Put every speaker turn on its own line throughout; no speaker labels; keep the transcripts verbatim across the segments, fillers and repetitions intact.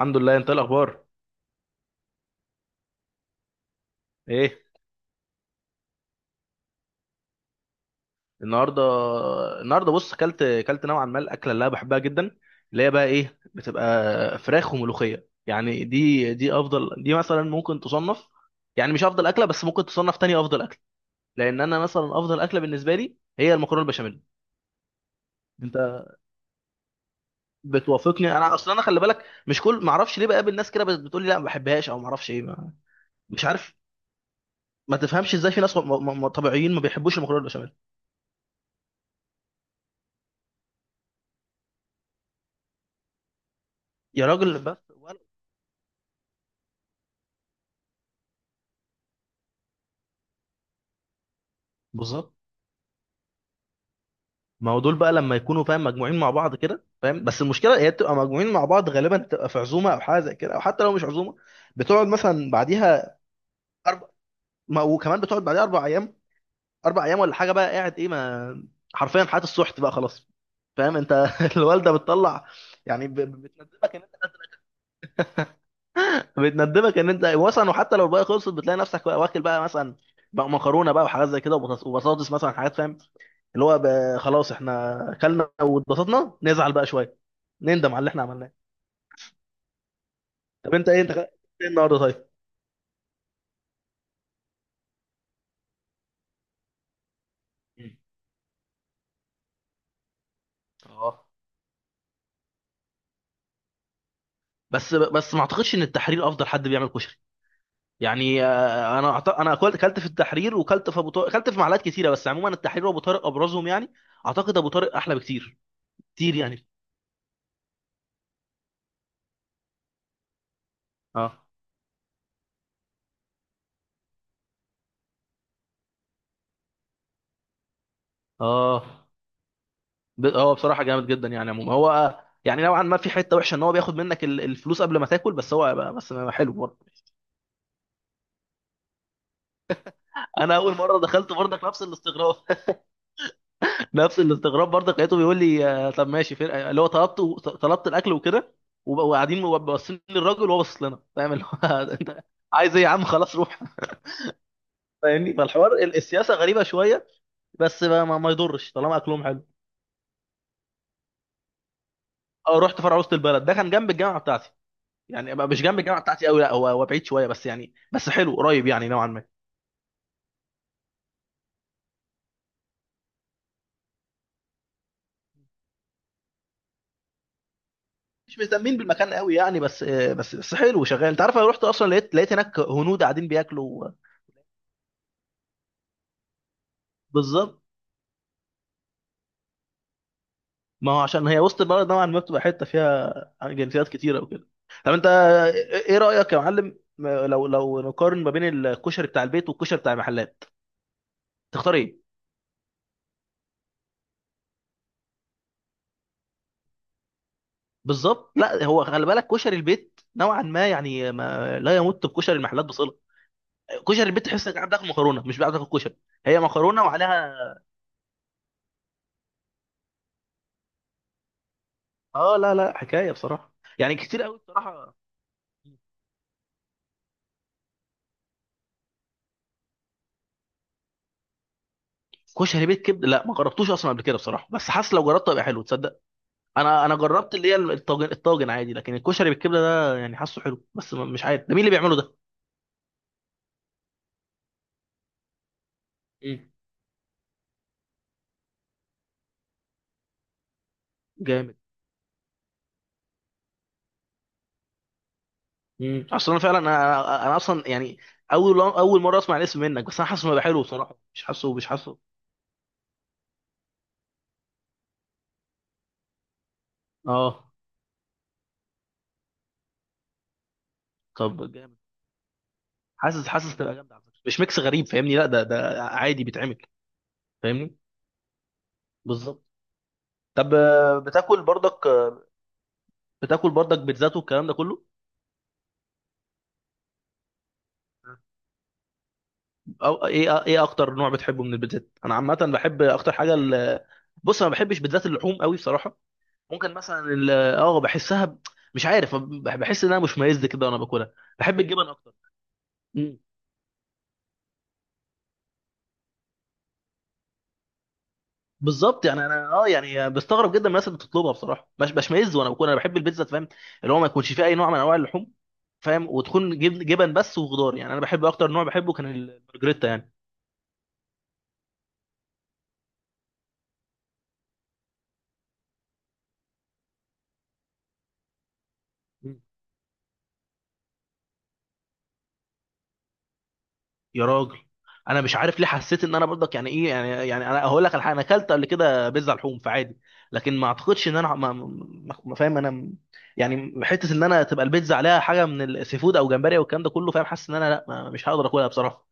الحمد لله، انت ايه الاخبار؟ ايه؟ النهارده النهارده بص، كلت كلت نوعا ما الاكله اللي انا بحبها جدا، اللي هي بقى ايه، بتبقى فراخ وملوخيه. يعني دي دي افضل، دي مثلا ممكن تصنف، يعني مش افضل اكله بس ممكن تصنف تاني افضل اكله، لان انا مثلا افضل اكله بالنسبه لي هي المكرونه البشاميل. انت بتوافقني؟ انا اصلا انا خلي بالك مش كل، ما اعرفش ليه بقابل ناس كده بت- بتقول لي لا ما بحبهاش، او ما اعرفش ايه ما- مش عارف. ما تفهمش ازاي في ناس م- م- م- طبيعيين ما بيحبوش المكرونه البشاميل. يا راجل، بس ولا- بالظبط. ما هو دول بقى لما يكونوا فاهم مجموعين مع بعض كده، فاهم، بس المشكله هي بتبقى مجموعين مع بعض غالبا، بتبقى في عزومه او حاجه زي كده، او حتى لو مش عزومه، بتقعد مثلا بعديها أربع. ما وكمان بتقعد بعديها اربع ايام اربع ايام ولا حاجه، بقى قاعد ايه، ما حرفيا حياه السحت بقى خلاص. فاهم انت؟ الوالده بتطلع. يعني ب- ب- بتندبك ان انت، بتندبك ان انت مثلا، وحتى لو الباقي خلصت بتلاقي نفسك بقى واكل بقى مثلا، بقى مكرونه بقى وحاجات زي كده، وبطاطس وبطاطس مثلا حاجات، فاهم، اللي هو بقى خلاص احنا اكلنا واتبسطنا، نزعل بقى شويه، نندم على اللي احنا عملناه. طب انت ايه انت خ- ايه النهارده طيب؟ مم. اه. بس بس ما اعتقدش ان التحرير افضل حد بيعمل كشري، يعني آه، انا أعت- انا اكلت اكلت في التحرير، وكلت في ابو طارق، اكلت في محلات كتيره، بس عموما التحرير وابو طارق ابرزهم يعني. اعتقد ابو طارق احلى بكتير، كتير يعني. اه. اه. ب- هو بصراحه جامد جدا، يعني عموما هو آه، يعني نوعا ما في حته وحشه ان هو بياخد منك ال- الفلوس قبل ما تاكل، بس هو بس حلو برضه. انا اول مره دخلت برضك، نفس الاستغراب. نفس الاستغراب برضه، لقيته بيقول لي آه، طب ماشي، فرقه اللي هو طلبت، طلبت الاكل وكده، وب- وقاعدين باصين للراجل وهو باصص لنا، فاهم اللي هو، انت عايز ايه يا عم، خلاص روح. فاهمني، فالحوار ال- السياسه غريبه شويه، بس ما, ما ما يضرش طالما اكلهم حلو. اه، رحت فرع وسط البلد، ده كان جنب الجامعه بتاعتي. يعني بقى مش جنب الجامعه بتاعتي قوي، لا هو هو بعيد شويه، بس يعني بس حلو قريب يعني نوعا ما. مش مهتمين بالمكان قوي يعني، بس آه، بس بس حلو شغال. انت عارف، انا رحت اصلا لقيت لقيت هناك هنود قاعدين بياكلوا. بالظبط. ما هو عشان هي وسط البلد نوعا ما بتبقى حته فيها جنسيات كتيره وكده. طب انت ايه رايك يا معلم، لو لو نقارن ما بين الكشري بتاع البيت والكشري بتاع المحلات، تختار ايه؟ بالظبط. لا هو خلي بالك، كشري البيت نوعا ما يعني ما لا يمت بكشري المحلات بصله. كشري البيت تحس انك قاعد تاكل مكرونه مش قاعد تاكل كشري. هي مكرونه وعليها. اه، لا لا حكايه بصراحه. يعني كتير قوي بصراحه. كشري بيت كبد، لا ما جربتوش اصلا قبل كده بصراحه، بس حاسس لو جربته هيبقى حلو، تصدق. انا انا جربت اللي هي الطاجن الطاجن عادي، لكن الكشري بالكبده ده يعني حاسه حلو، بس ما- مش عارف ده مين اللي بيعمله ده. مم. جامد. مم. اصلا انا فعلا انا. انا أنا اصلا يعني، اول اول مره اسمع الاسم منك، بس انا حاسه إنه هيبقى حلو بصراحه، مش حاسه مش حاسه. اه طب جامد. حاسس حاسس تبقى جامده على فكره، مش ميكس غريب، فاهمني؟ لا ده ده عادي بيتعمل. فاهمني. بالظبط. طب آه، بتاكل برضك، بتاكل برضك بيتزات والكلام ده كله؟ أو ايه ايه اكتر نوع بتحبه من البيتزات؟ انا عامه بحب اكتر حاجه ال... بص، انا ما بحبش بالذات اللحوم قوي بصراحه. ممكن مثلا ال... اه، بحسها ب- مش عارف، بح- بحس انها مشمئز كده وانا باكلها. بحب الجبن اكتر. مم. بالظبط، يعني انا اه يعني بستغرب جدا من الناس اللي بتطلبها بصراحه، مش بشمئز وانا باكلها، انا بحب البيتزا فاهم، اللي هو ما يكونش فيها اي نوع من انواع اللحوم، فاهم، وتكون جبن, جبن بس وخضار، يعني انا بحب اكتر نوع بحبه كان البرجريتا يعني. يا راجل، انا مش عارف ليه حسيت ان انا برضك يعني ايه، يعني يعني انا هقول لك على حاجه، انا اكلت قبل كده بيتزا لحوم فعادي، لكن ما اعتقدش ان انا ما, ما ما- فاهم انا م- يعني حته ان انا تبقى البيتزا عليها حاجه من السي فود او جمبري او الكلام ده كله، فاهم، حاسس ان انا لا، ما- مش هقدر اكلها بصراحه.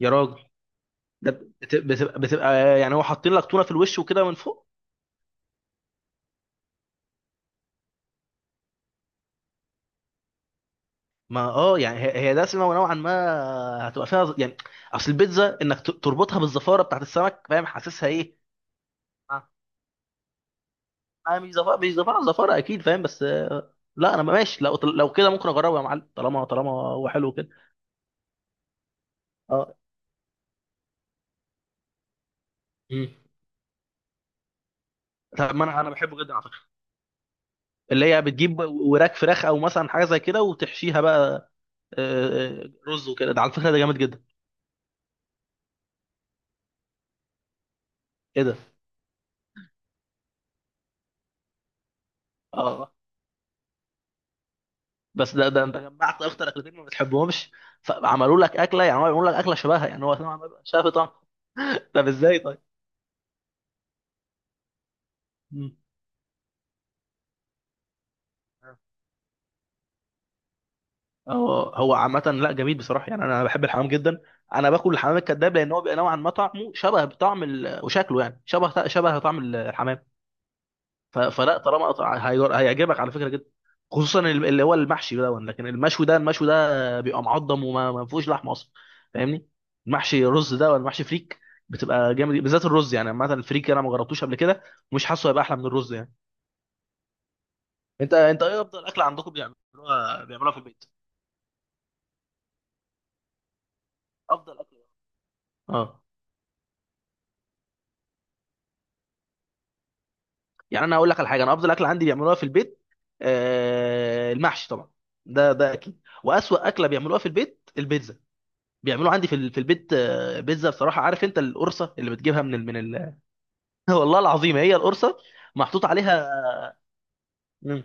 يا راجل، ده بت- بتبقى بتبقى يعني، هو حاطين لك تونه في الوش وكده من فوق. ما اه يعني هي هي دسمه ونوعا ما، هتبقى فيها ز- يعني اصل البيتزا انك ت- تربطها بالزفاره بتاعت السمك، فاهم حاسسها ايه. انا مش زفارة، مش زفارة، زفارة اكيد فاهم، بس آه، لا انا ماشي، لو لو كده ممكن اجربه يا معلم، طالما طالما هو حلو كده. اه. مم. طب ما انا انا بحبه جدا على فكره. اللي هي بتجيب وراك فراخ او مثلا حاجه زي كده وتحشيها بقى، آه، آه، رز وكده، ده على فكره ده جامد جدا. ايه ده؟ اه بس، ده ده انت جمعت اكتر اكلتين ما بتحبهمش، فعملوا لك اكله، يعني هو عملوا لك اكله شبهها، يعني هو نوعاً ما بيبقى شبه طعم. طب ازاي طيب؟ مم. هو هو عامة، لا جميل بصراحة، يعني أنا بحب الحمام جدا. أنا باكل الحمام الكذاب لأن هو بيبقى نوعا ما طعمه شبه بطعم ال... وشكله، يعني شبه شبه طعم الحمام. ف... فلا، طالما طع- هي- هيعجبك على فكرة جدا، خصوصا ال- اللي هو المحشي ده، لكن المشوي ده المشوي ده بيبقى معضم وما ما فيهوش لحمة أصلا. فاهمني. المحشي رز ده ولا محشي فريك؟ بتبقى جامد بالذات الرز، يعني مثلا الفريك أنا ما جربتوش قبل كده، مش حاسه هيبقى أحلى من الرز يعني. أنت أنت إيه أفضل أكلة عندكم بيعملوها بيعملوها في البيت؟ أفضل أكلة. اه. يعني انا اقول لك على حاجه، انا افضل اكله عندي بيعملوها في البيت، آه، المحشي طبعا، ده ده اكيد، واسوأ اكله بيعملوها في البيت البيتزا. بيعملوها عندي في ال- في البيت، آه، بيتزا بصراحه. عارف انت القرصه اللي بتجيبها من ال من ال والله العظيم هي القرصه، محطوط عليها. مم.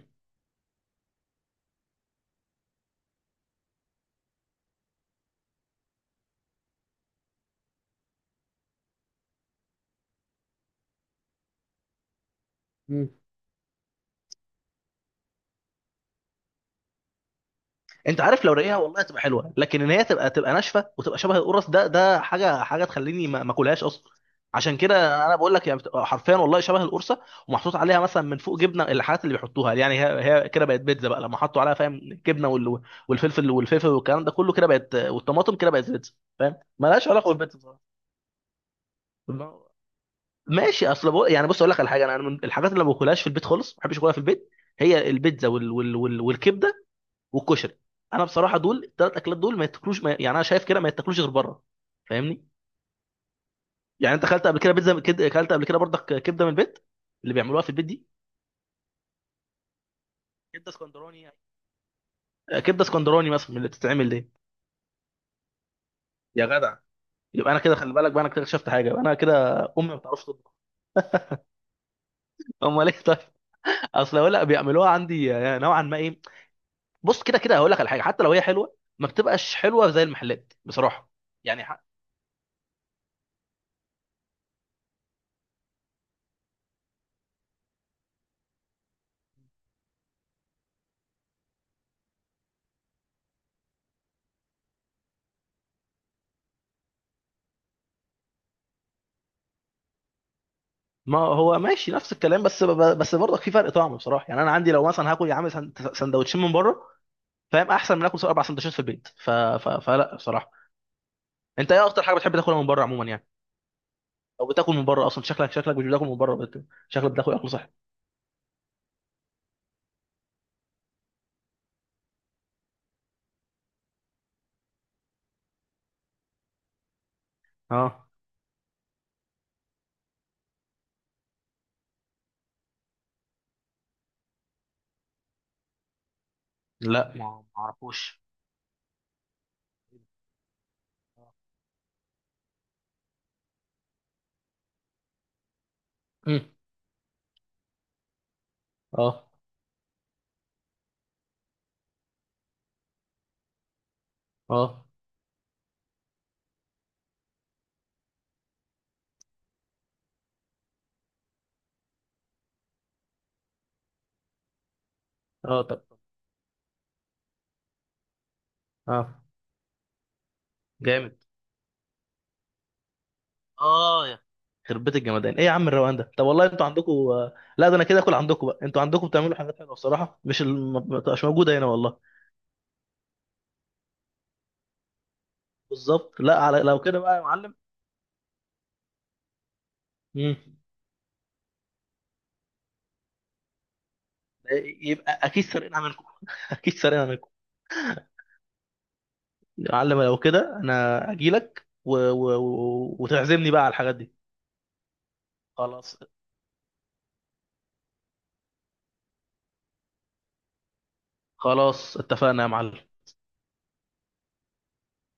مم. انت عارف، لو رقيقها والله تبقى حلوه، لكن ان هي تبقى تبقى ناشفه وتبقى شبه القرص ده ده حاجه حاجه تخليني ما ما اكلهاش اصلا. عشان كده انا بقول لك يعني، بتبقى حرفيا والله شبه القرصه، ومحطوط عليها مثلا من فوق جبنه، الحاجات اللي بيحطوها، يعني هي هي كده بقت بيتزا بقى لما حطوا عليها، فاهم، الجبنه وال- والفلفل والفلفل والكلام ده كله كده بقت، والطماطم كده بقت بيتزا. فاهم، مالهاش علاقه بالبيتزا بصراحة. ما- ماشي، اصل بقول يعني، بص اقول لك على حاجه، انا من الحاجات اللي ما باكلهاش في البيت خالص، ما بحبش اكلها في البيت، هي البيتزا وال... وال... وال... والكبده، والكشري. انا بصراحه دول الثلاث اكلات دول ما يتاكلوش، ما... يعني انا شايف كده ما يتاكلوش غير بره. فاهمني. يعني انت اكلت قبل كده بيتزا كده، اكلت قبل كده برضك كبده من البيت، اللي بيعملوها في البيت دي؟ كبده اسكندراني يعني، آه، كبده اسكندراني مثلا، من اللي بتتعمل دي. يا جدع، يبقى انا كده خلي بالك بقى، انا كده اكتشفت حاجه، يبقى انا كده امي ما بتعرفش تطبخ. امال ايه طيب؟ اصل هقول لك بيعملوها عندي آه، نوعا ما ايه. بص، كده كده هقول لك على حاجه، حتى لو هي حلوه ما بتبقاش حلوه زي المحلات بصراحه. يعني ما هو ماشي نفس الكلام، بس بس برضك في فرق طعم بصراحه، يعني انا عندي لو مثلا هاكل يا عم سن- سندوتشين من بره، فاهم، احسن من اكل اربع سندوتشات في البيت، ف... ف... فلا بصراحه. انت ايه اكتر حاجه بتحب تاكلها من بره عموما يعني؟ او بتاكل من بره اصلا؟ شكلك شكلك مش بتاكل من بره، بت... شكلك بتاكل اكل صحي. اه لا ما ما اعرفوش. مم. اه. اه. اه طب. اه جامد. اه يا، خربت بيت الجمدان، ايه يا عم الروقان ده، طب والله انتوا عندكم. لا ده انا كده اكل عندكم بقى، انتوا عندكم بتعملوا حاجات حلوه بصراحه، مش الم- ما بتبقاش موجوده هنا والله. بالظبط، لا على لو كده بقى يا معلم. مم. يبقى اكيد سارقينها منكم. اكيد سارقينها منكم. يا معلم لو كده انا اجيلك و... و... و... وتعزمني بقى على الحاجات دي. خلاص. خلاص اتفقنا يا معلم.